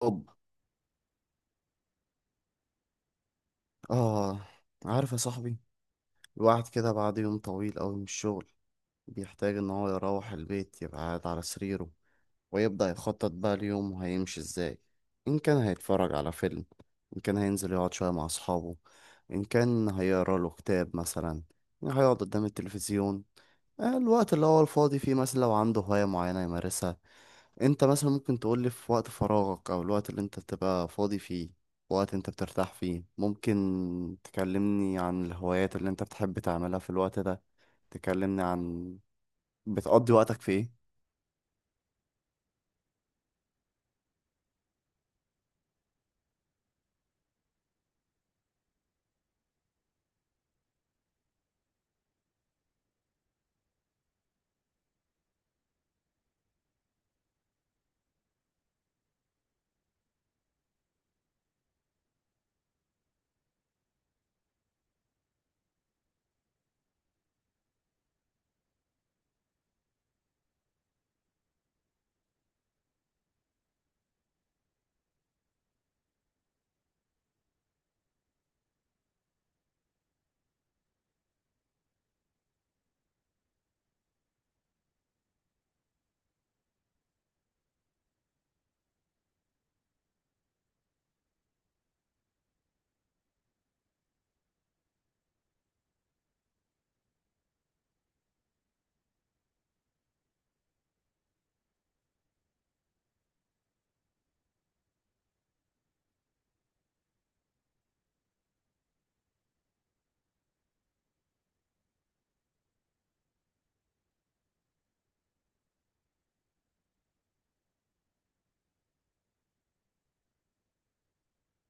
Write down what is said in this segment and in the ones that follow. طب، آه، عارف يا صاحبي، الواحد كده بعد يوم طويل أوي من الشغل بيحتاج إن هو يروح البيت يبقى قاعد على سريره ويبدأ يخطط بقى ليومه هيمشي إزاي، إن كان هيتفرج على فيلم، إن كان هينزل يقعد شوية مع أصحابه، إن كان هيقرا له كتاب مثلا، هيقعد قدام التلفزيون. آه، الوقت اللي هو الفاضي فيه مثلا لو عنده هواية معينة يمارسها. انت مثلا ممكن تقولي في وقت فراغك او الوقت اللي انت بتبقى فاضي فيه، وقت انت بترتاح فيه، ممكن تكلمني عن الهوايات اللي انت بتحب تعملها في الوقت ده. تكلمني عن بتقضي وقتك في ايه؟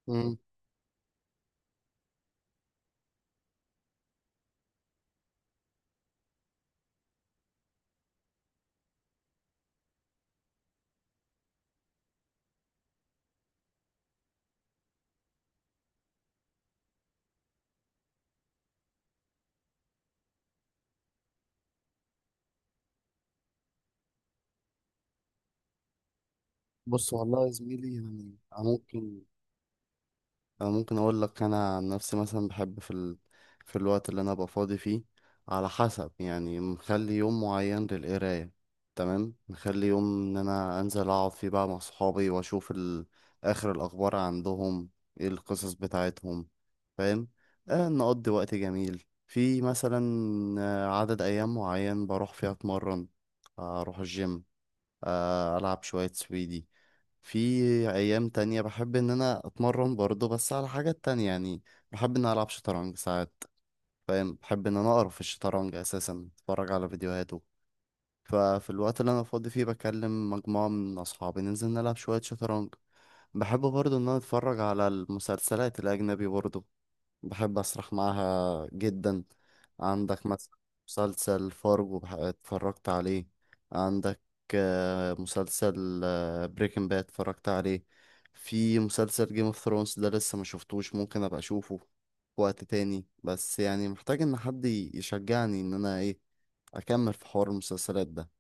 مم. بص والله يا زميلي، يعني أنا ممكن أقول لك، أنا عن نفسي مثلا بحب في الوقت اللي أنا أبقى فاضي فيه، على حسب، يعني مخلي يوم معين للقراية، تمام، مخلي يوم إن أنا أنزل أقعد فيه بقى مع صحابي وأشوف آخر الأخبار عندهم، إيه القصص بتاعتهم، فاهم؟ آه، نقضي وقت جميل في مثلا، آه، عدد أيام معين بروح فيها أتمرن، آه، أروح الجيم، آه، ألعب شوية سويدي. في ايام تانية بحب ان انا اتمرن برضه بس على حاجات تانية، يعني بحب ان انا العب شطرنج ساعات، فاهم؟ بحب ان انا اقرا في الشطرنج اساسا، اتفرج على فيديوهاته. ففي الوقت اللي انا فاضي فيه بكلم مجموعة من اصحابي ننزل نلعب شوية شطرنج. بحب برضه ان انا اتفرج على المسلسلات الاجنبي برضه، بحب أسرح معاها جدا. عندك مثلا مسلسل فارجو اتفرجت عليه، عندك آه، مسلسل آه، بريكنج باد اتفرجت عليه. في مسلسل جيم اوف ثرونز ده لسه ما شفتوش، ممكن ابقى اشوفه في وقت تاني، بس يعني محتاج ان حد يشجعني ان انا ايه، اكمل في حوار المسلسلات ده.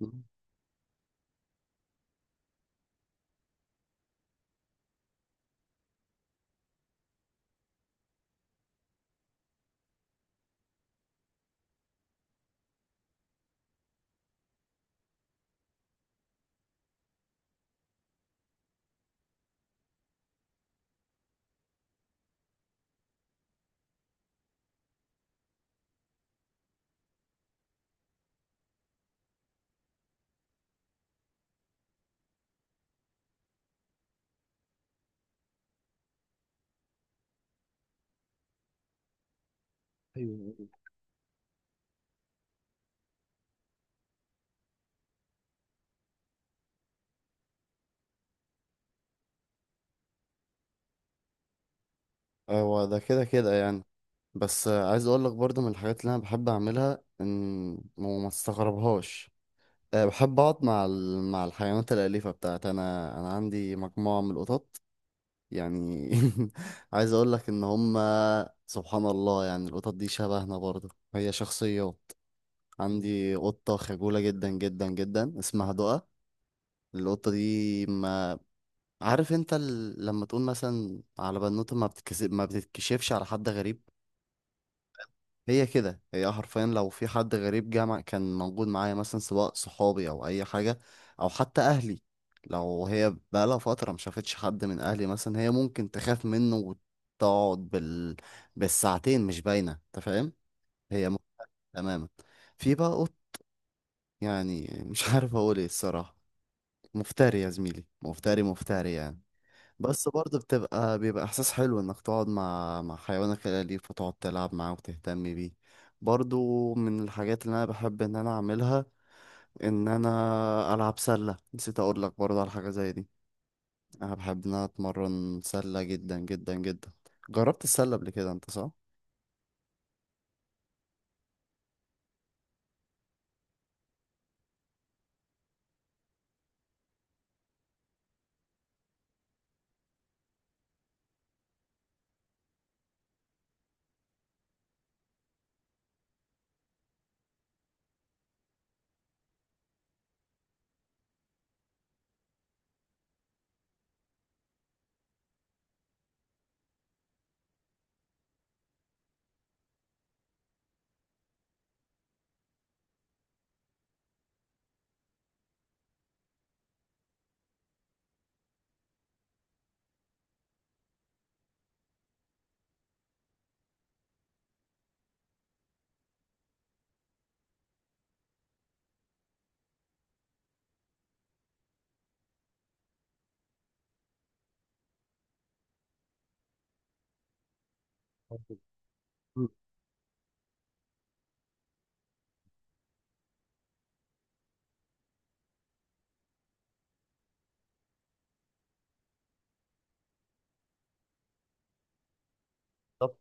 مم. ايوه. أيوة. هو ده كده كده يعني. بس آه، عايز اقول لك برضه من الحاجات اللي انا بحب اعملها ان وما استغربهاش، أه، بحب أقعد مع مع الحيوانات الأليفة بتاعتي. أنا أنا عندي مجموعة من القطط، يعني عايز أقول لك إن هما سبحان الله، يعني القطط دي شبهنا برضه، هي شخصيات. عندي قطة خجولة جدا جدا جدا اسمها دقة. القطة دي ما، عارف أنت لما تقول مثلا على بنوتة ما بتتكسب، ما بتتكشفش على حد غريب، هي كده، هي حرفيا لو في حد غريب جه كان موجود معايا مثلا، سواء صحابي او اي حاجه او حتى اهلي، لو هي بقالها فتره ما شافتش حد من اهلي مثلا، هي ممكن تخاف منه وتقعد بالساعتين مش باينه، انت فاهم؟ هي م... تماما. في بقى قط، يعني مش عارف اقول ايه الصراحه، مفتري يا زميلي، مفتري مفتري يعني. بس برضه بيبقى احساس حلو انك تقعد مع حيوانك الاليف وتقعد تلعب معاه وتهتم بيه برضه. من الحاجات اللي انا بحب ان انا اعملها ان انا العب سله، نسيت اقول لك برضه على حاجه زي دي. انا بحب ان انا اتمرن سله جدا جدا جدا. جربت السله قبل كده انت صح؟ مم. طب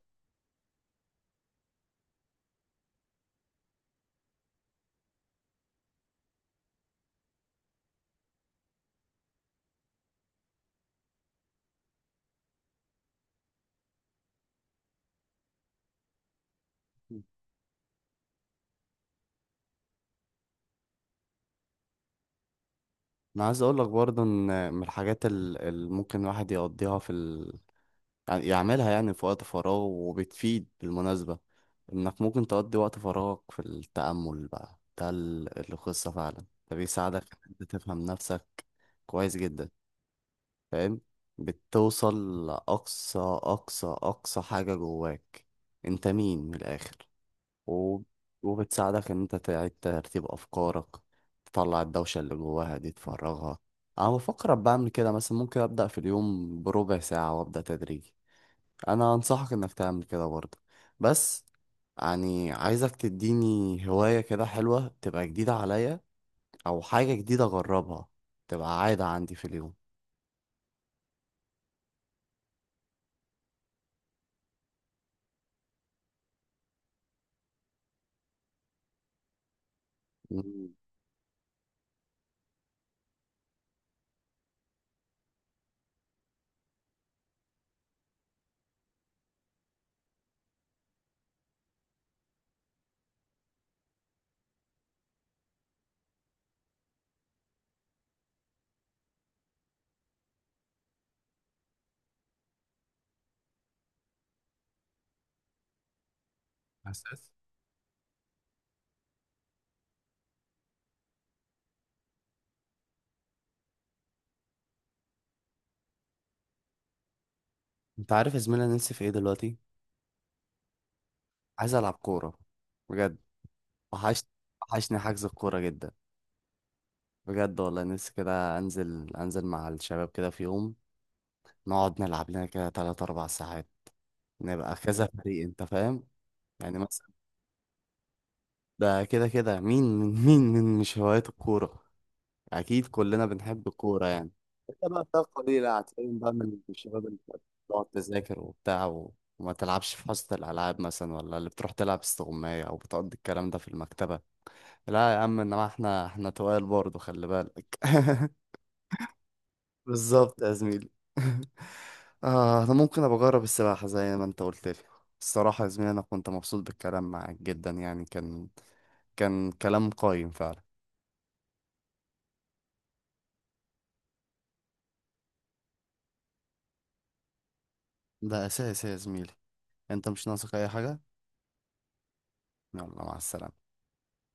انا عايز اقول لك برضه ان من الحاجات اللي ممكن الواحد يقضيها في، يعني يعملها يعني في وقت فراغه وبتفيد بالمناسبة، إنك ممكن تقضي وقت فراغك في التأمل بقى. ده القصة فعلا، ده بيساعدك إن أنت تفهم نفسك كويس جدا، فاهم؟ بتوصل لأقصى أقصى أقصى حاجة جواك، أنت مين من الآخر، و... وبتساعدك إن أنت تعيد ترتيب أفكارك، تطلع الدوشة اللي جواها دي تفرغها. أنا بفكر أبقى أعمل كده مثلا، ممكن أبدأ في اليوم بربع ساعة وأبدأ تدريجي. انا انصحك انك تعمل كده برضه. بس يعني عايزك تديني هواية كده حلوة تبقى جديدة عليا، او حاجة جديدة اجربها تبقى عادة عندي في اليوم. مم. بس انت عارف يا زميلي انا نفسي في ايه دلوقتي؟ عايز العب كورة، بجد. وحشني، وحشني حجز الكورة جدا، بجد والله. نفسي كده انزل، انزل مع الشباب كده في يوم، نقعد نلعب لنا كده 3 4 ساعات، نبقى كذا فريق، انت فاهم؟ يعني مثلا ده كده كده، مين مين مين مين مش هوايته الكورة؟ اكيد كلنا بنحب الكوره يعني، الا بقى فئه قليله هتلاقيهم بقى من الشباب اللي بتقعد تذاكر وبتاع و... وما تلعبش في حصه الالعاب مثلا، ولا اللي بتروح تلعب استغمايه او بتقضي الكلام ده في المكتبه. لا يا عم، انما احنا تقال برضه، خلي بالك بالظبط يا زميلي آه انا ممكن ابقى اجرب السباحه زي ما انت قلت لي. الصراحه يا زميلي انا كنت مبسوط بالكلام معاك جدا، يعني كان كلام قايم فعلا. ده اساسي يا زميلي، انت مش ناقصك اي حاجه. يلا، مع السلامه.